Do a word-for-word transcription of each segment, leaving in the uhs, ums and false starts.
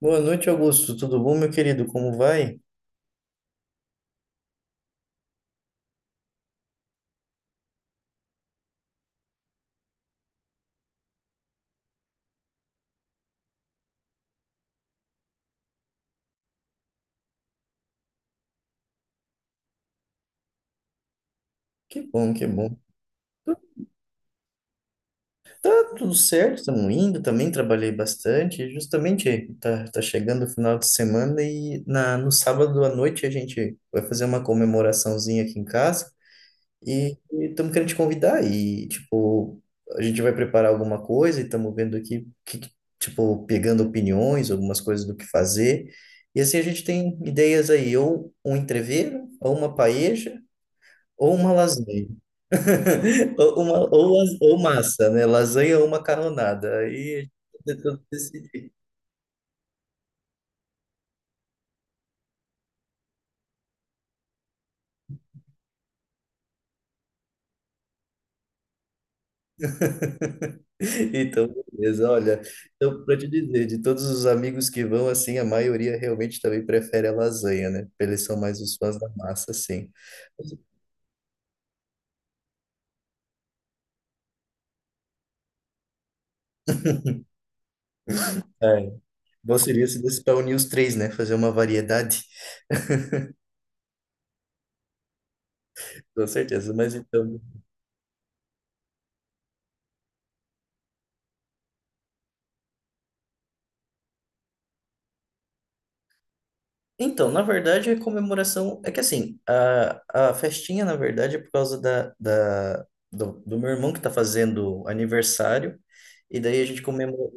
Boa noite, Augusto. Tudo bom, meu querido? Como vai? Que bom, que bom. Tu- Tá tudo certo, estamos indo. Também trabalhei bastante. Justamente, tá, tá chegando o final de semana e na, no sábado à noite a gente vai fazer uma comemoraçãozinha aqui em casa e estamos querendo te convidar. E, tipo, a gente vai preparar alguma coisa e estamos vendo aqui, que, que- tipo, pegando opiniões, algumas coisas do que fazer. E assim a gente tem ideias aí, ou um entrevero, ou uma paeja, ou uma lasanha. Ou, uma, ou, las- ou massa, né? Lasanha ou macarronada. Aí eu tento decidir. Então, beleza. Olha, então, para te dizer, de todos os amigos que vão, assim, a maioria realmente também prefere a lasanha, né? Eles são mais os fãs da massa, assim. É, bom seria se desse para unir os três, né? Fazer uma variedade, com certeza. Mas então. Então, na verdade, a comemoração é que assim, a, a festinha, na verdade, é por causa da, da, do, do meu irmão que tá fazendo aniversário, e daí a gente comemora.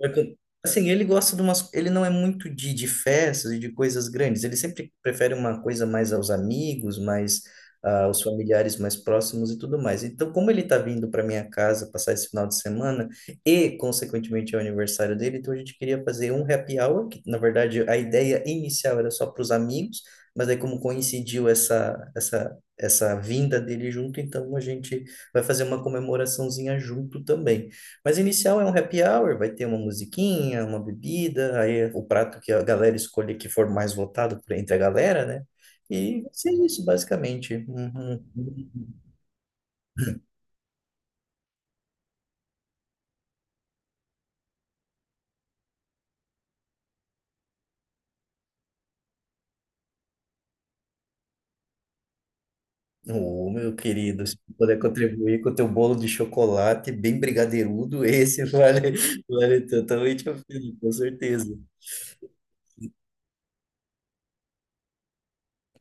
Assim, ele gosta de umas. Ele não é muito de, de festas e de coisas grandes, ele sempre prefere uma coisa mais aos amigos, mais ah, aos familiares mais próximos e tudo mais. Então, como ele tá vindo para minha casa passar esse final de semana e, consequentemente, é o aniversário dele, então a gente queria fazer um happy hour, que, na verdade, a ideia inicial era só para os amigos, mas aí como coincidiu essa, essa, essa vinda dele junto, então a gente vai fazer uma comemoraçãozinha junto também. Mas inicial é um happy hour, vai ter uma musiquinha, uma bebida, aí o prato que a galera escolher que for mais votado por- entre a galera, né? E vai ser isso, basicamente. Uhum. Ô, meu querido, se eu puder contribuir com o teu bolo de chocolate bem brigadeirudo, esse vale, vale totalmente a pena, com certeza.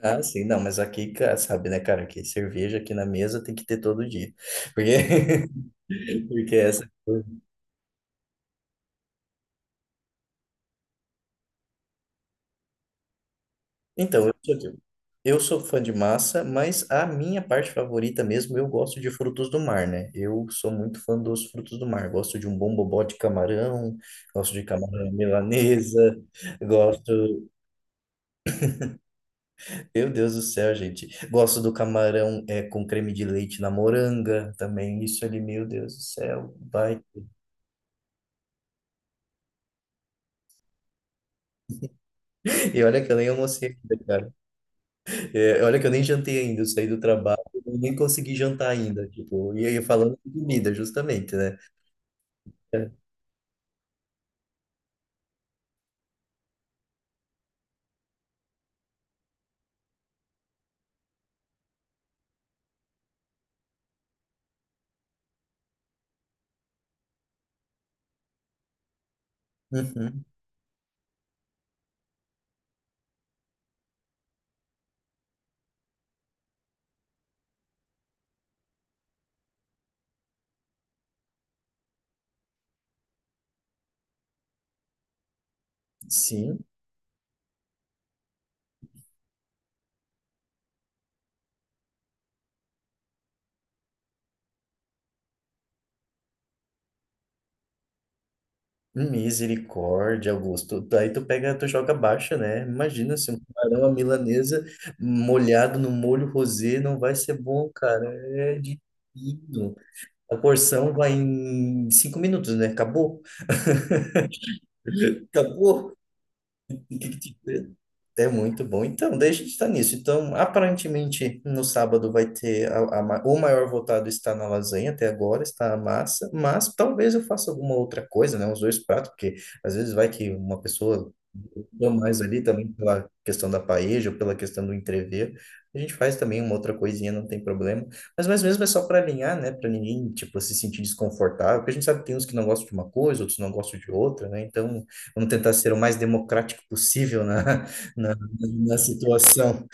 Ah, sim, não, mas aqui, cara, sabe, né, cara, que cerveja aqui na mesa tem que ter todo dia. Porque, porque é essa. Então, eu sou, de- eu sou fã de massa, mas a minha parte favorita mesmo, eu gosto de frutos do mar, né? Eu sou muito fã dos frutos do mar. Gosto de um bom bobó de camarão, gosto de camarão milanesa, gosto. Meu Deus do céu, gente. Gosto do camarão é, com creme de leite na moranga também. Isso ali, meu Deus do céu. Vai. E olha que eu nem almocei ainda, cara. É, olha que eu nem jantei ainda. Eu saí do trabalho e nem consegui jantar ainda. Tipo, e aí falando de comida, justamente, né? É. Uhum. Sim. Misericórdia, Augusto. Aí tu pega, tu joga baixa, né? Imagina se um camarão à milanesa molhado no molho rosé não vai ser bom, cara. É de tudo. A porção vai em cinco minutos, né? Acabou. Acabou. É muito bom. Então, deixa de estar nisso. Então, aparentemente, no sábado vai ter a, a ma- o maior votado está na lasanha até agora, está a massa, mas talvez eu faça alguma outra coisa, né? Uns dois pratos, porque às vezes vai que uma pessoa deu mais ali também pela questão da paeja ou pela questão do entrever. A gente faz também uma outra coisinha, não tem problema. Mas mais mesmo é só para alinhar, né? Para ninguém, tipo, se sentir desconfortável, porque a gente sabe que tem uns que não gostam de uma coisa, outros não gostam de outra, né? Então, vamos tentar ser o mais democrático possível na, na, na situação.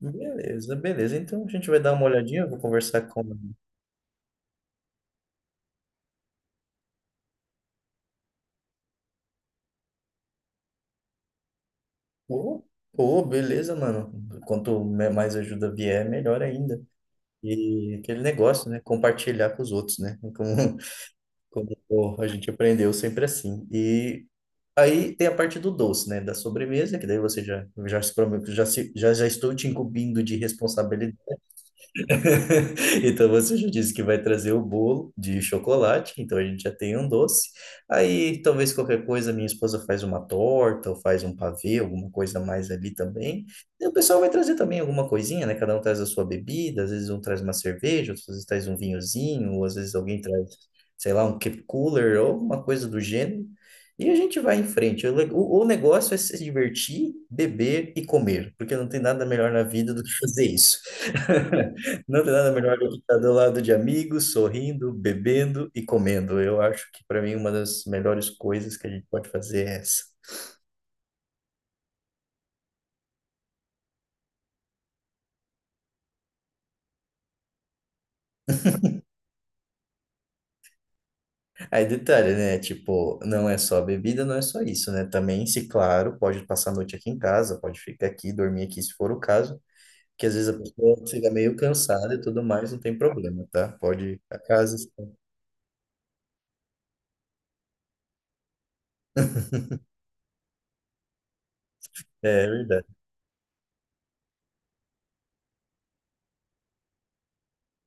Beleza, beleza. Então a gente vai dar uma olhadinha, eu vou conversar com. Pô, Pô, beleza, mano. Quanto me- mais ajuda vier, melhor ainda. E aquele negócio, né? Compartilhar com os outros, né? Como, como a gente aprendeu sempre assim. E aí tem a parte do doce, né? Da sobremesa, que daí você já, já, se, prome- já, se, já, já estou te incumbindo de então você já disse que vai trazer o bolo de chocolate, então a gente já tem um doce. Aí talvez qualquer coisa, minha esposa faz uma torta ou faz um pavê, alguma coisa mais ali também. E o pessoal vai trazer também alguma coisinha, né? Cada um traz a sua bebida, às vezes um traz uma cerveja, às vezes traz um vinhozinho, ou às vezes alguém traz, sei lá, um keep cooler ou uma coisa do gênero. E a gente vai em frente. O, le- o- o negócio é se divertir, beber e comer, porque não tem nada melhor na vida do que fazer isso. Não tem nada melhor do que estar do lado de amigos, sorrindo, bebendo e comendo. Eu acho que para mim uma das melhores coisas que a gente pode fazer é essa. Aí detalhe, né? Tipo, não é só bebida, não é só isso, né? Também, se claro, pode passar a noite aqui em casa, pode ficar aqui, dormir aqui se for o caso, que às vezes a pessoa fica meio cansada e tudo mais, não tem problema, tá? Pode ir pra casa. É verdade.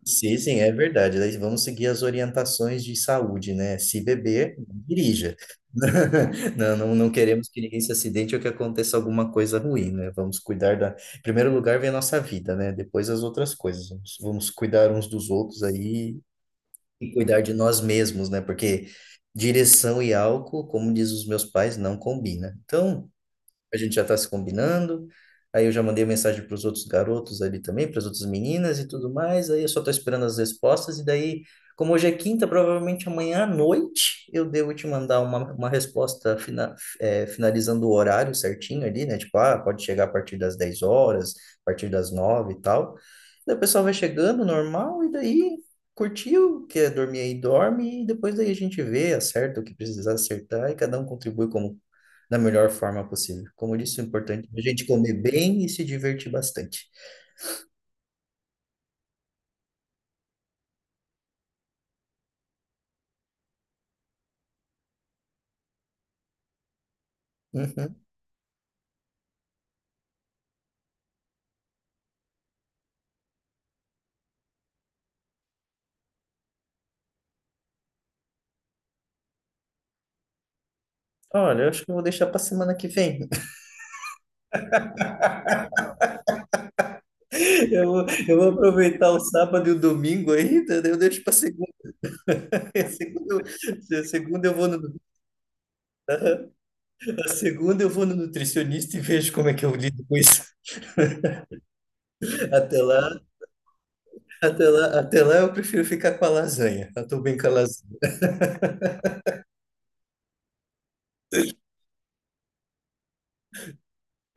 Sim, sim, é verdade. Daí vamos seguir as orientações de saúde, né? Se beber, não dirija. Não, não, não queremos que ninguém se acidente ou que aconteça alguma coisa ruim, né? Vamos cuidar da. Em primeiro lugar, vem a nossa vida, né? Depois as outras coisas. Vamos, vamos cuidar uns dos outros aí e cuidar de nós mesmos, né? Porque direção e álcool, como diz os meus pais, não combina. Então a gente já está se combinando. Aí eu já mandei mensagem para os outros garotos ali também, para as outras meninas e tudo mais. Aí eu só estou esperando as respostas. E daí, como hoje é quinta, provavelmente amanhã à noite eu devo te mandar uma, uma resposta fina, eh, finalizando o horário certinho ali, né? Tipo, ah, pode chegar a partir das dez horas, a partir das nove e tal. Daí o pessoal vai chegando normal e daí curtiu, quer dormir aí, dorme. E depois daí a gente vê, acerta o que precisar acertar e cada um contribui como da melhor forma possível. Como eu disse, o importante é a gente comer bem e se divertir bastante. Uhum. Olha, eu acho que eu vou deixar para semana que vem. Eu vou, eu vou aproveitar o sábado e o domingo ainda, daí eu deixo para segunda. A segunda, eu- a segunda eu vou no, a segunda eu vou no nutricionista e vejo como é que eu lido com isso. Até lá, até lá, Até lá eu prefiro ficar com a lasanha. Eu tô bem com a lasanha.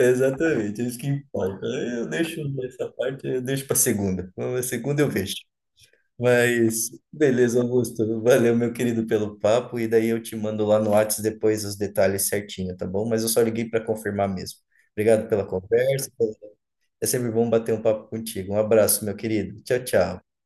Exatamente, é isso que importa. Eu deixo essa parte, eu deixo para segunda. Na segunda eu vejo. Mas, beleza, Augusto. Valeu, meu querido, pelo papo. E daí eu te mando lá no Whats depois os detalhes certinho, tá bom? Mas eu só liguei para confirmar mesmo. Obrigado pela conversa. É sempre bom bater um papo contigo. Um abraço, meu querido. Tchau, tchau.